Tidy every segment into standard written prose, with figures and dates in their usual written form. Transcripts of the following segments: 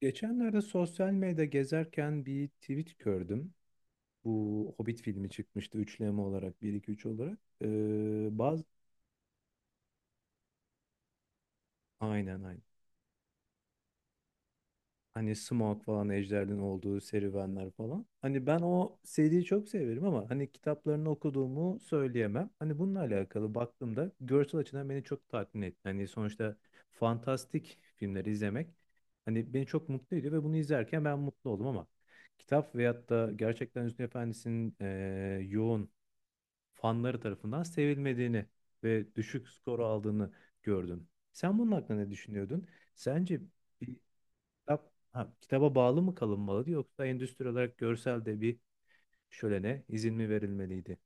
Geçenlerde sosyal medyada gezerken bir tweet gördüm. Bu Hobbit filmi çıkmıştı üçleme olarak bir iki üç olarak. Bazı Aynen, aynen. Hani Smaug falan Ejder'in olduğu serüvenler falan. Hani ben o seriyi çok severim ama hani kitaplarını okuduğumu söyleyemem. Hani bununla alakalı baktığımda görsel açıdan beni çok tatmin etti. Hani sonuçta fantastik filmleri izlemek hani beni çok mutlu ediyor ve bunu izlerken ben mutlu oldum, ama kitap veyahut da gerçekten Hüsnü Efendi'nin yoğun fanları tarafından sevilmediğini ve düşük skoru aldığını gördüm. Sen bunun hakkında ne düşünüyordun? Sence Kitaba bağlı mı kalınmalıydı yoksa endüstri olarak görsel de bir şölene izin mi verilmeliydi?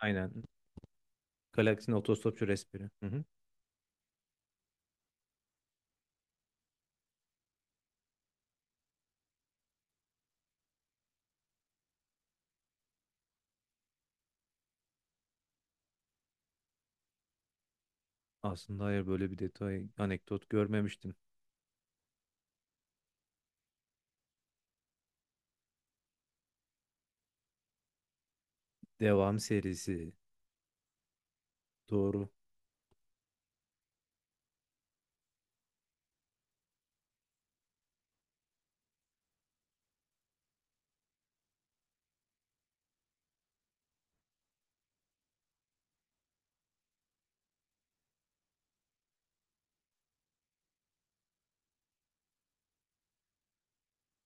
Aynen. Galaksinin otostopçu resmini. Hı hı. Aslında hayır, böyle bir detay, anekdot görmemiştim. Devam serisi. Doğru.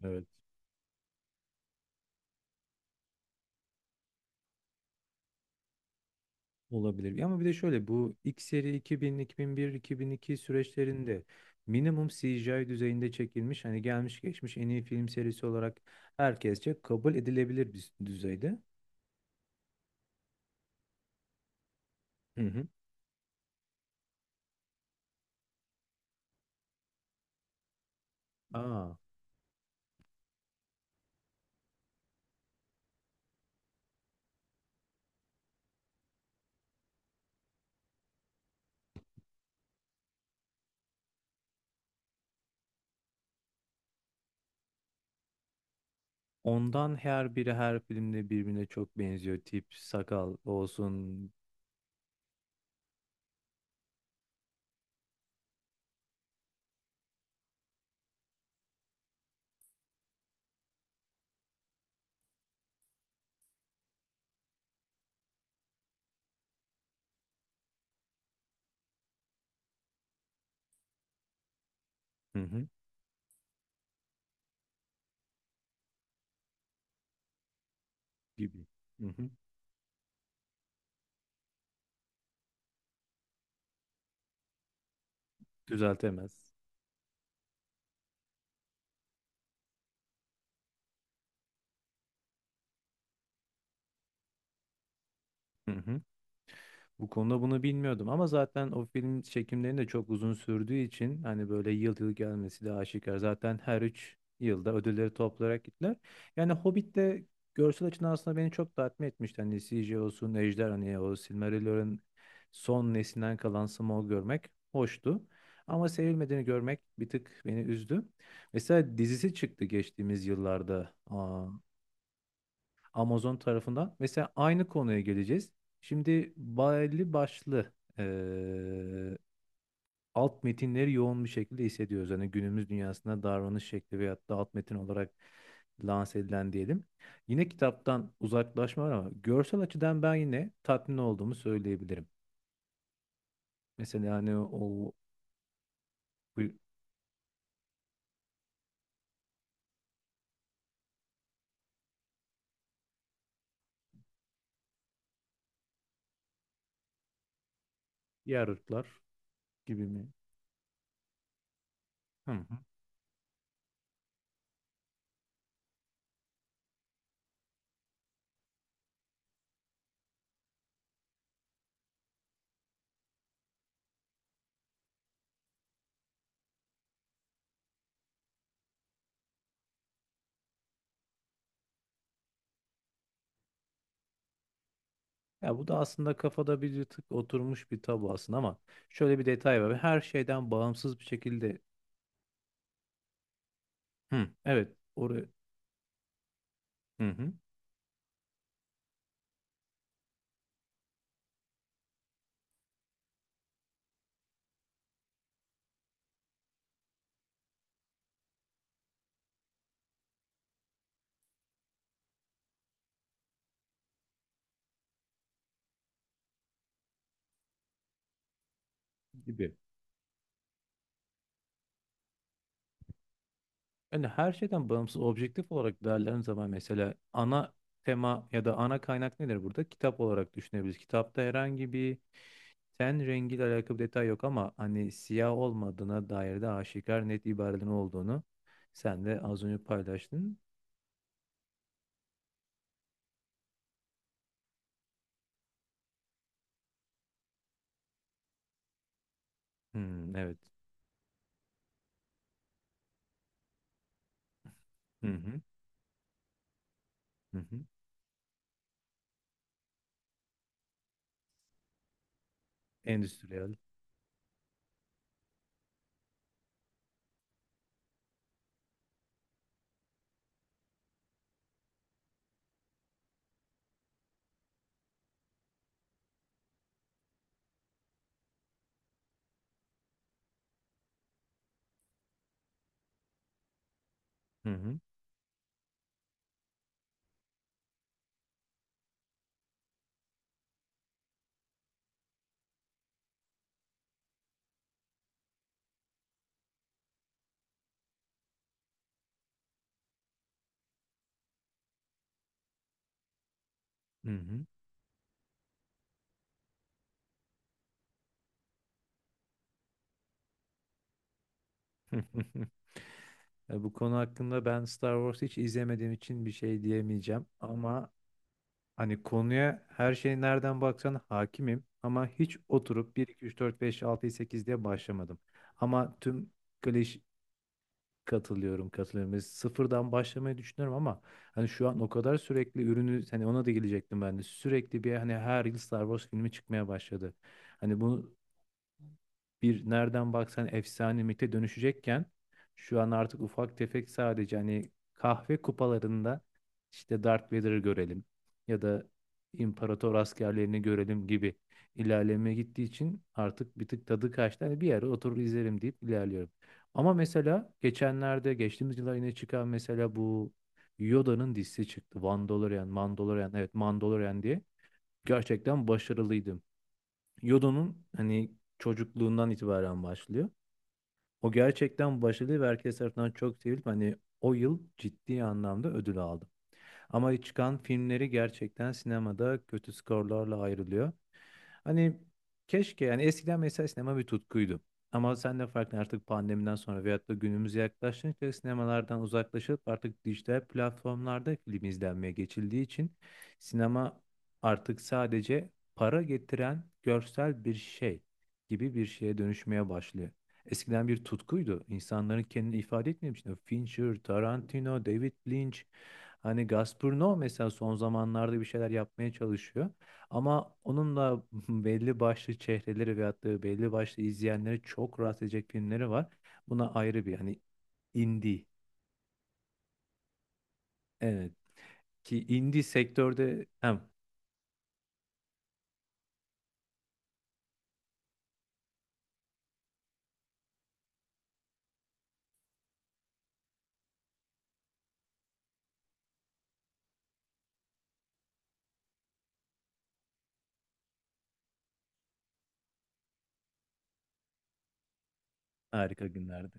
Evet. Olabilir. Ama bir de şöyle, bu ilk seri 2000, 2001, 2002 süreçlerinde minimum CGI düzeyinde çekilmiş. Hani gelmiş geçmiş en iyi film serisi olarak herkesçe kabul edilebilir bir düzeyde. Hı hı. Aa. Ondan her biri her filmde birbirine çok benziyor. Tip, sakal olsun. Hı hı, gibi. Hı hı. Düzeltemez. Hı hı. Bu konuda bunu bilmiyordum ama zaten o film çekimlerinin de çok uzun sürdüğü için hani böyle yıl yıl gelmesi de aşikar. Zaten her 3 yılda ödülleri toplayarak gittiler. Yani Hobbit de görsel açıdan aslında beni çok tatmin etmişti. Hani CGI olsun, Ejder, hani o Silmarillion'un son neslinden kalan Smaug'u görmek hoştu. Ama sevilmediğini görmek bir tık beni üzdü. Mesela dizisi çıktı geçtiğimiz yıllarda. Amazon tarafından. Mesela aynı konuya geleceğiz. Şimdi belli başlı eee, alt metinleri yoğun bir şekilde hissediyoruz. Hani günümüz dünyasında davranış şekli veyahut da alt metin olarak lanse edilen diyelim. Yine kitaptan uzaklaşma var ama görsel açıdan ben yine tatmin olduğumu söyleyebilirim. Mesela hani o bu diğer ırklar gibi mi? Hı hı. Ya bu da aslında kafada bir tık oturmuş bir tabu aslında, ama şöyle bir detay var. Her şeyden bağımsız bir şekilde. Hı. Evet. Oraya. Hı hı. Gibi. Yani her şeyden bağımsız objektif olarak değerlendiğim zaman mesela ana tema ya da ana kaynak nedir burada? Kitap olarak düşünebiliriz. Kitapta herhangi bir ten rengiyle alakalı bir detay yok ama hani siyah olmadığına dair de aşikar net ibarelerin olduğunu sen de az önce paylaştın. Hmm, evet. Hı hı. Hı hı. Endüstriyel. Hı hı. Hı hı. Bu konu hakkında ben Star Wars hiç izlemediğim için bir şey diyemeyeceğim, ama hani konuya her şey nereden baksan hakimim ama hiç oturup 1, 2, 3, 4, 5, 6, 8 diye başlamadım. Ama tüm kliş katılıyorum, katılıyorum. Ve sıfırdan başlamayı düşünüyorum, ama hani şu an o kadar sürekli ürünü, hani ona da gelecektim ben de. Sürekli bir hani her yıl Star Wars filmi çıkmaya başladı. Hani bunu, bir nereden baksan efsane mite dönüşecekken şu an artık ufak tefek sadece hani kahve kupalarında işte Darth Vader'ı görelim ya da imparator askerlerini görelim gibi ilerlemeye gittiği için artık bir tık tadı kaçtı. Hani bir yere oturur izlerim deyip ilerliyorum. Ama mesela geçenlerde, geçtiğimiz yıllar yine çıkan mesela bu Yoda'nın dizisi çıktı. Mandalorian, Mandalorian, evet Mandalorian diye. Gerçekten başarılıydım. Yodo'nun hani çocukluğundan itibaren başlıyor. O gerçekten başarılı ve herkes tarafından çok sevilip hani o yıl ciddi anlamda ödül aldı. Ama çıkan filmleri gerçekten sinemada kötü skorlarla ayrılıyor. Hani keşke, yani eskiden mesela sinema bir tutkuydu. Ama sen de farklı, artık pandemiden sonra veyahut da günümüze yaklaştıkça sinemalardan uzaklaşıp artık dijital platformlarda film izlenmeye geçildiği için sinema artık sadece para getiren görsel bir şey gibi bir şeye dönüşmeye başlıyor. Eskiden bir tutkuydu. İnsanların kendini ifade etmemişti. Fincher, Tarantino, David Lynch. Hani Gazprom mesela son zamanlarda bir şeyler yapmaya çalışıyor. Ama onun da belli başlı çehreleri veyahut da belli başlı izleyenleri çok rahatsız edecek filmleri var. Buna ayrı bir hani indie. Evet. Ki indie sektörde hem harika günlerde.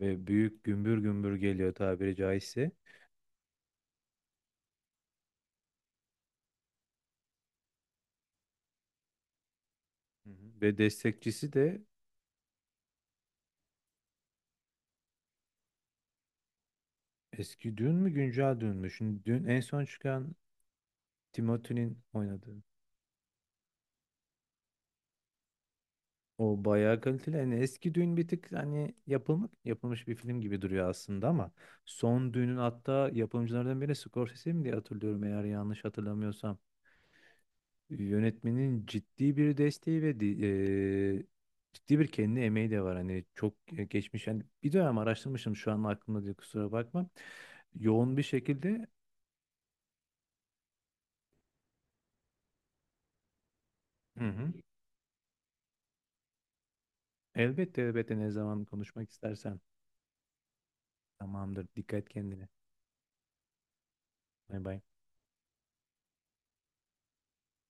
Ve büyük gümbür gümbür geliyor tabiri caizse. Hı hı. Ve destekçisi de eski dün mü güncel dün mü? Şimdi dün en son çıkan Timothy'nin oynadığı. O bayağı kaliteli. Hani eski düğün bir tık hani yapılmak yapılmış bir film gibi duruyor aslında, ama son düğünün hatta yapımcılardan biri Scorsese mi, diye hatırlıyorum eğer yanlış hatırlamıyorsam. Yönetmenin ciddi bir desteği ve ciddi bir kendi emeği de var. Hani çok geçmiş, yani bir dönem araştırmışım şu an aklımda diye kusura bakma. Yoğun bir şekilde, hı hı. Elbette, elbette, ne zaman konuşmak istersen. Tamamdır. Dikkat kendine. Bay bay.